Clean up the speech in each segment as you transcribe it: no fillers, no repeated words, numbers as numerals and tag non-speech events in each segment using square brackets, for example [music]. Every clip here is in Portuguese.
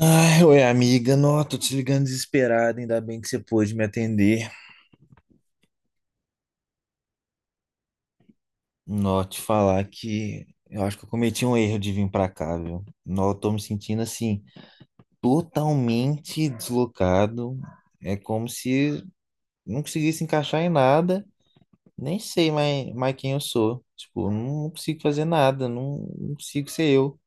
Ai, oi, amiga. Nó, tô te ligando desesperado. Ainda bem que você pôde me atender. Nó, te falar que eu acho que eu cometi um erro de vir pra cá, viu? Nó, eu tô me sentindo assim, totalmente deslocado. É como se não conseguisse encaixar em nada. Nem sei mais quem eu sou. Tipo, eu não consigo fazer nada. Não, não consigo ser eu.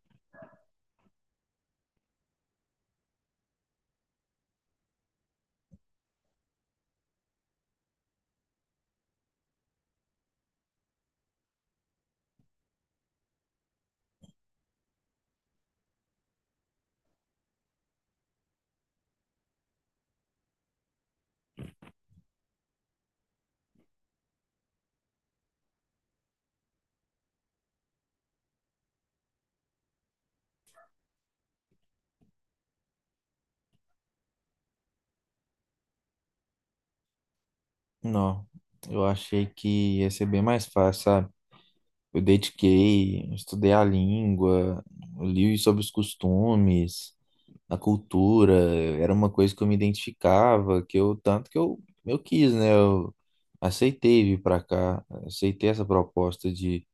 Nó, eu achei que ia ser bem mais fácil, sabe? Eu dediquei, estudei a língua, li sobre os costumes, a cultura, era uma coisa que eu me identificava, que eu tanto que eu quis, né? Eu aceitei vir para cá, aceitei essa proposta de,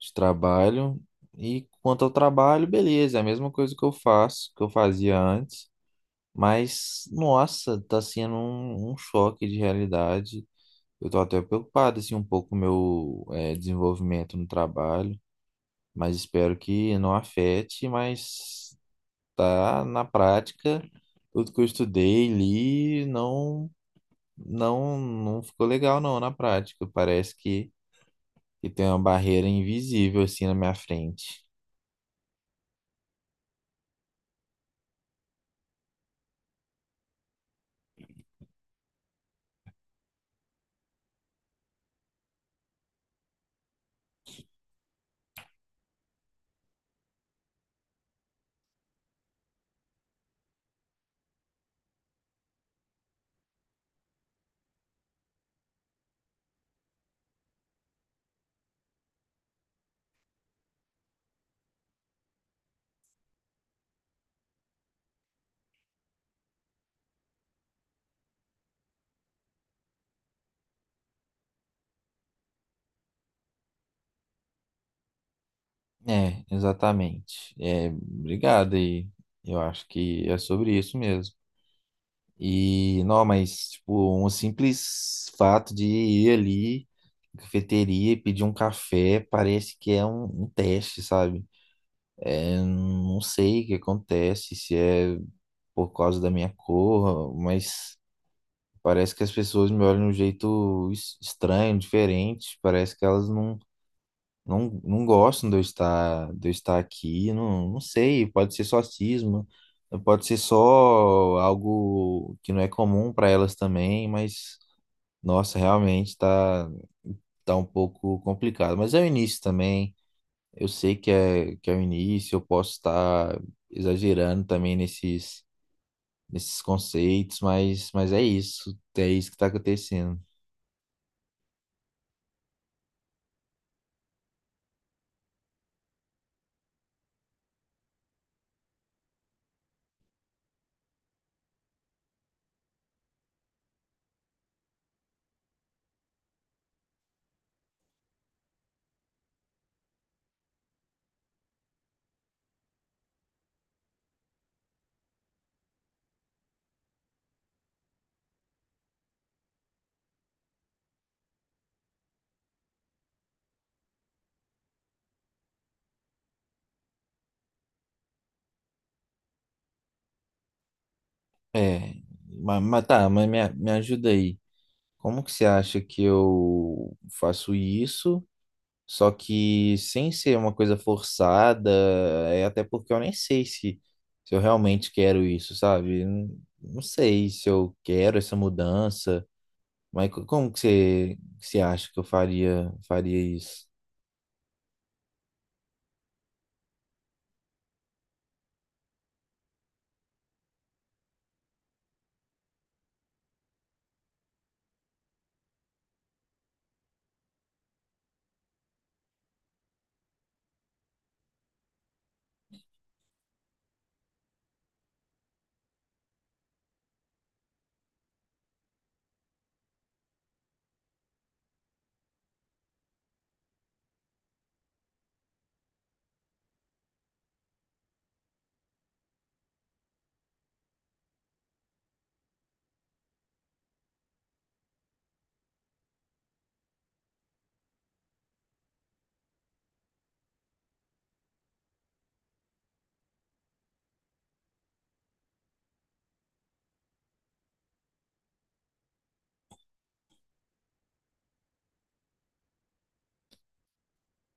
de trabalho. E quanto ao trabalho, beleza, é a mesma coisa que eu faço, que eu fazia antes, mas nossa, tá sendo um choque de realidade. Eu tô até preocupado assim um pouco com o meu desenvolvimento no trabalho, mas espero que não afete, mas tá na prática, tudo que eu estudei, li, não ficou legal não na prática. Parece que tem uma barreira invisível assim na minha frente. É, exatamente. É, obrigado aí. Eu acho que é sobre isso mesmo. E não, mas, tipo, um simples fato de ir ali na cafeteria e pedir um café parece que é um teste, sabe? É, não sei o que acontece, se é por causa da minha cor, mas parece que as pessoas me olham de um jeito estranho, diferente. Parece que elas não gostam de eu estar aqui. Não, não sei, pode ser só cisma, pode ser só algo que não é comum para elas também, mas nossa, realmente tá um pouco complicado. Mas é o início também. Eu sei que é o início, eu posso estar exagerando também nesses conceitos, mas é isso que está acontecendo. É, mas me ajuda aí. Como que você acha que eu faço isso, só que sem ser uma coisa forçada, é até porque eu nem sei se eu realmente quero isso, sabe? Não, não sei se eu quero essa mudança. Mas que você acha que eu faria isso?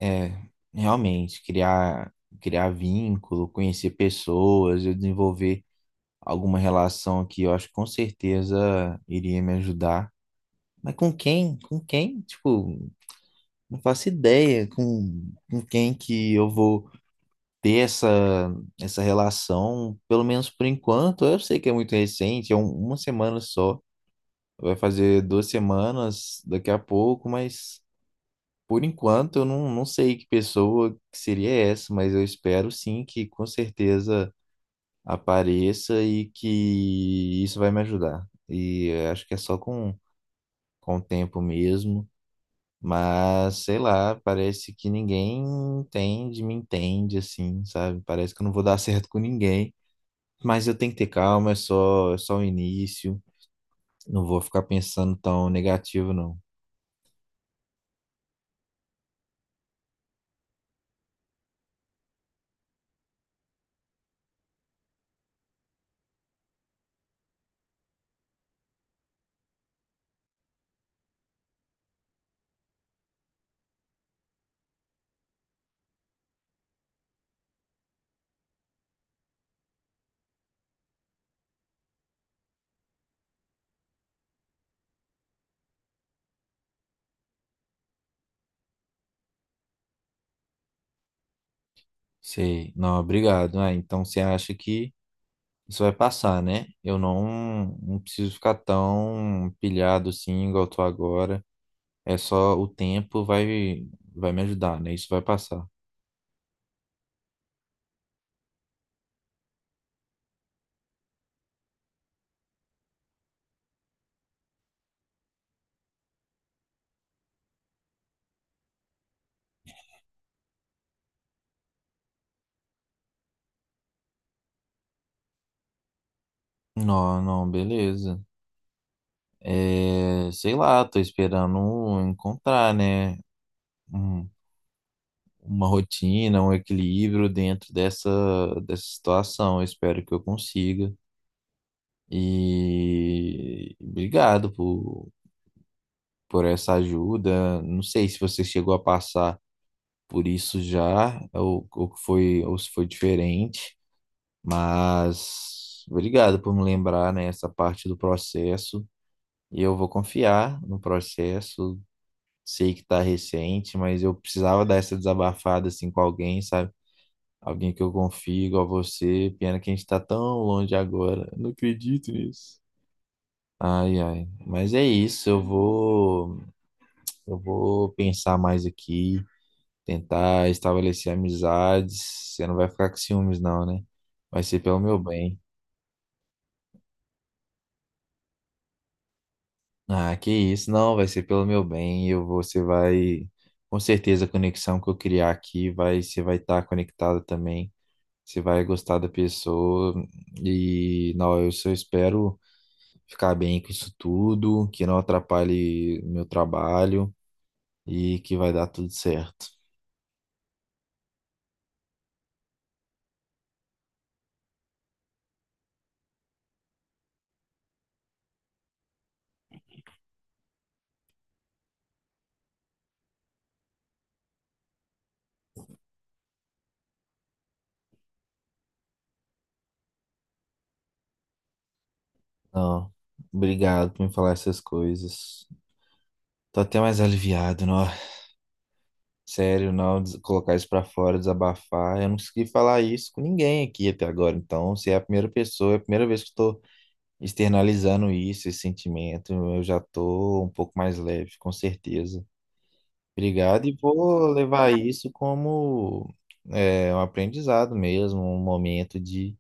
É, realmente, criar vínculo, conhecer pessoas, eu desenvolver alguma relação que eu acho que com certeza iria me ajudar. Mas com quem? Com quem? Tipo, não faço ideia com quem que eu vou ter essa relação, pelo menos por enquanto. Eu sei que é muito recente, é uma semana só. Vai fazer duas semanas daqui a pouco, mas. Por enquanto, eu não sei que pessoa que seria essa, mas eu espero sim que com certeza apareça e que isso vai me ajudar. E eu acho que é só com o tempo mesmo, mas sei lá, parece que ninguém me entende assim, sabe? Parece que eu não vou dar [laughs] certo com ninguém, mas eu tenho que ter calma, é só o início, não vou ficar pensando tão negativo, não. Sei, não, obrigado. Ah, então você acha que isso vai passar, né? Eu não preciso ficar tão pilhado assim, igual eu tô agora. É só o tempo vai me ajudar, né? Isso vai passar. Não, não, beleza. É, sei lá, tô esperando encontrar, né? um- uma rotina, um equilíbrio dentro dessa situação. Eu espero que eu consiga. E obrigado por essa ajuda. Não sei se você chegou a passar por isso já, ou que foi, ou se foi diferente, mas obrigado por me lembrar, né, essa parte do processo. E eu vou confiar no processo. Sei que tá recente, mas eu precisava dar essa desabafada assim com alguém, sabe? Alguém que eu confio, igual você. Pena que a gente tá tão longe agora. Não acredito nisso. Ai, ai. Mas é isso, eu vou pensar mais aqui. Tentar estabelecer amizades. Você não vai ficar com ciúmes, não, né? Vai ser pelo meu bem. Ah, que isso, não, vai ser pelo meu bem. Você vai, com certeza, a conexão que eu criar aqui vai, você vai estar conectada também. Você vai gostar da pessoa e não, eu só espero ficar bem com isso tudo, que não atrapalhe meu trabalho e que vai dar tudo certo. Não, obrigado por me falar essas coisas. Tô até mais aliviado, não. Sério, não, colocar isso pra fora, desabafar. Eu não consegui falar isso com ninguém aqui até agora. Então, você é a primeira pessoa, é a primeira vez que estou externalizando isso, esse sentimento. Eu já tô um pouco mais leve, com certeza. Obrigado, e vou levar isso como é, um aprendizado mesmo, um momento de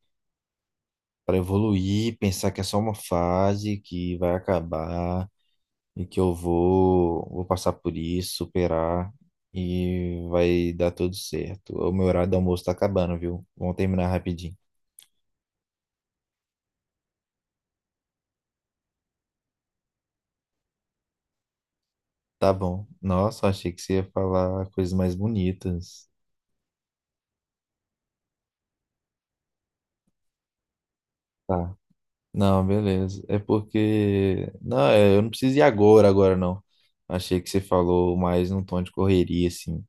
para evoluir, pensar que é só uma fase que vai acabar e que vou passar por isso, superar e vai dar tudo certo. O meu horário do almoço tá acabando, viu? Vamos terminar rapidinho. Tá bom. Nossa, achei que você ia falar coisas mais bonitas. Tá. Não, beleza. É porque. Não, é, eu não preciso ir agora, agora não. Achei que você falou mais num tom de correria, assim.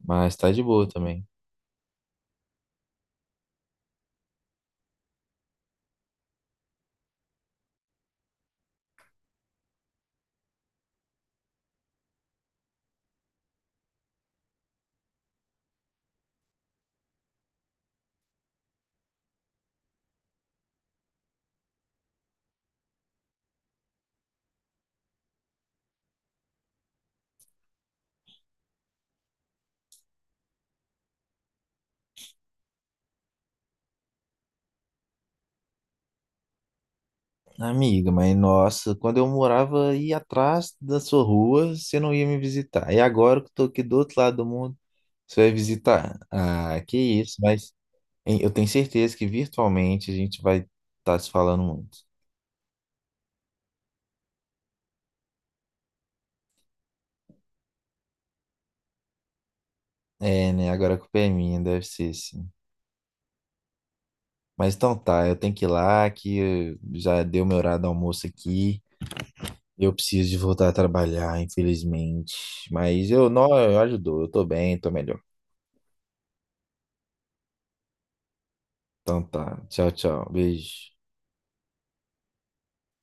Mas tá de boa também. Amiga, mas nossa, quando eu morava aí atrás da sua rua, você não ia me visitar. E agora que eu tô aqui do outro lado do mundo. Você vai visitar? Ah, que isso, mas hein, eu tenho certeza que virtualmente a gente vai estar se falando muito. É, né? Agora a culpa é minha, deve ser sim. Mas então tá, eu tenho que ir lá, que já deu meu horário do almoço aqui. Eu preciso de voltar a trabalhar, infelizmente. Mas eu não, eu ajudou, eu tô bem, tô melhor. Então tá, tchau, tchau, beijo.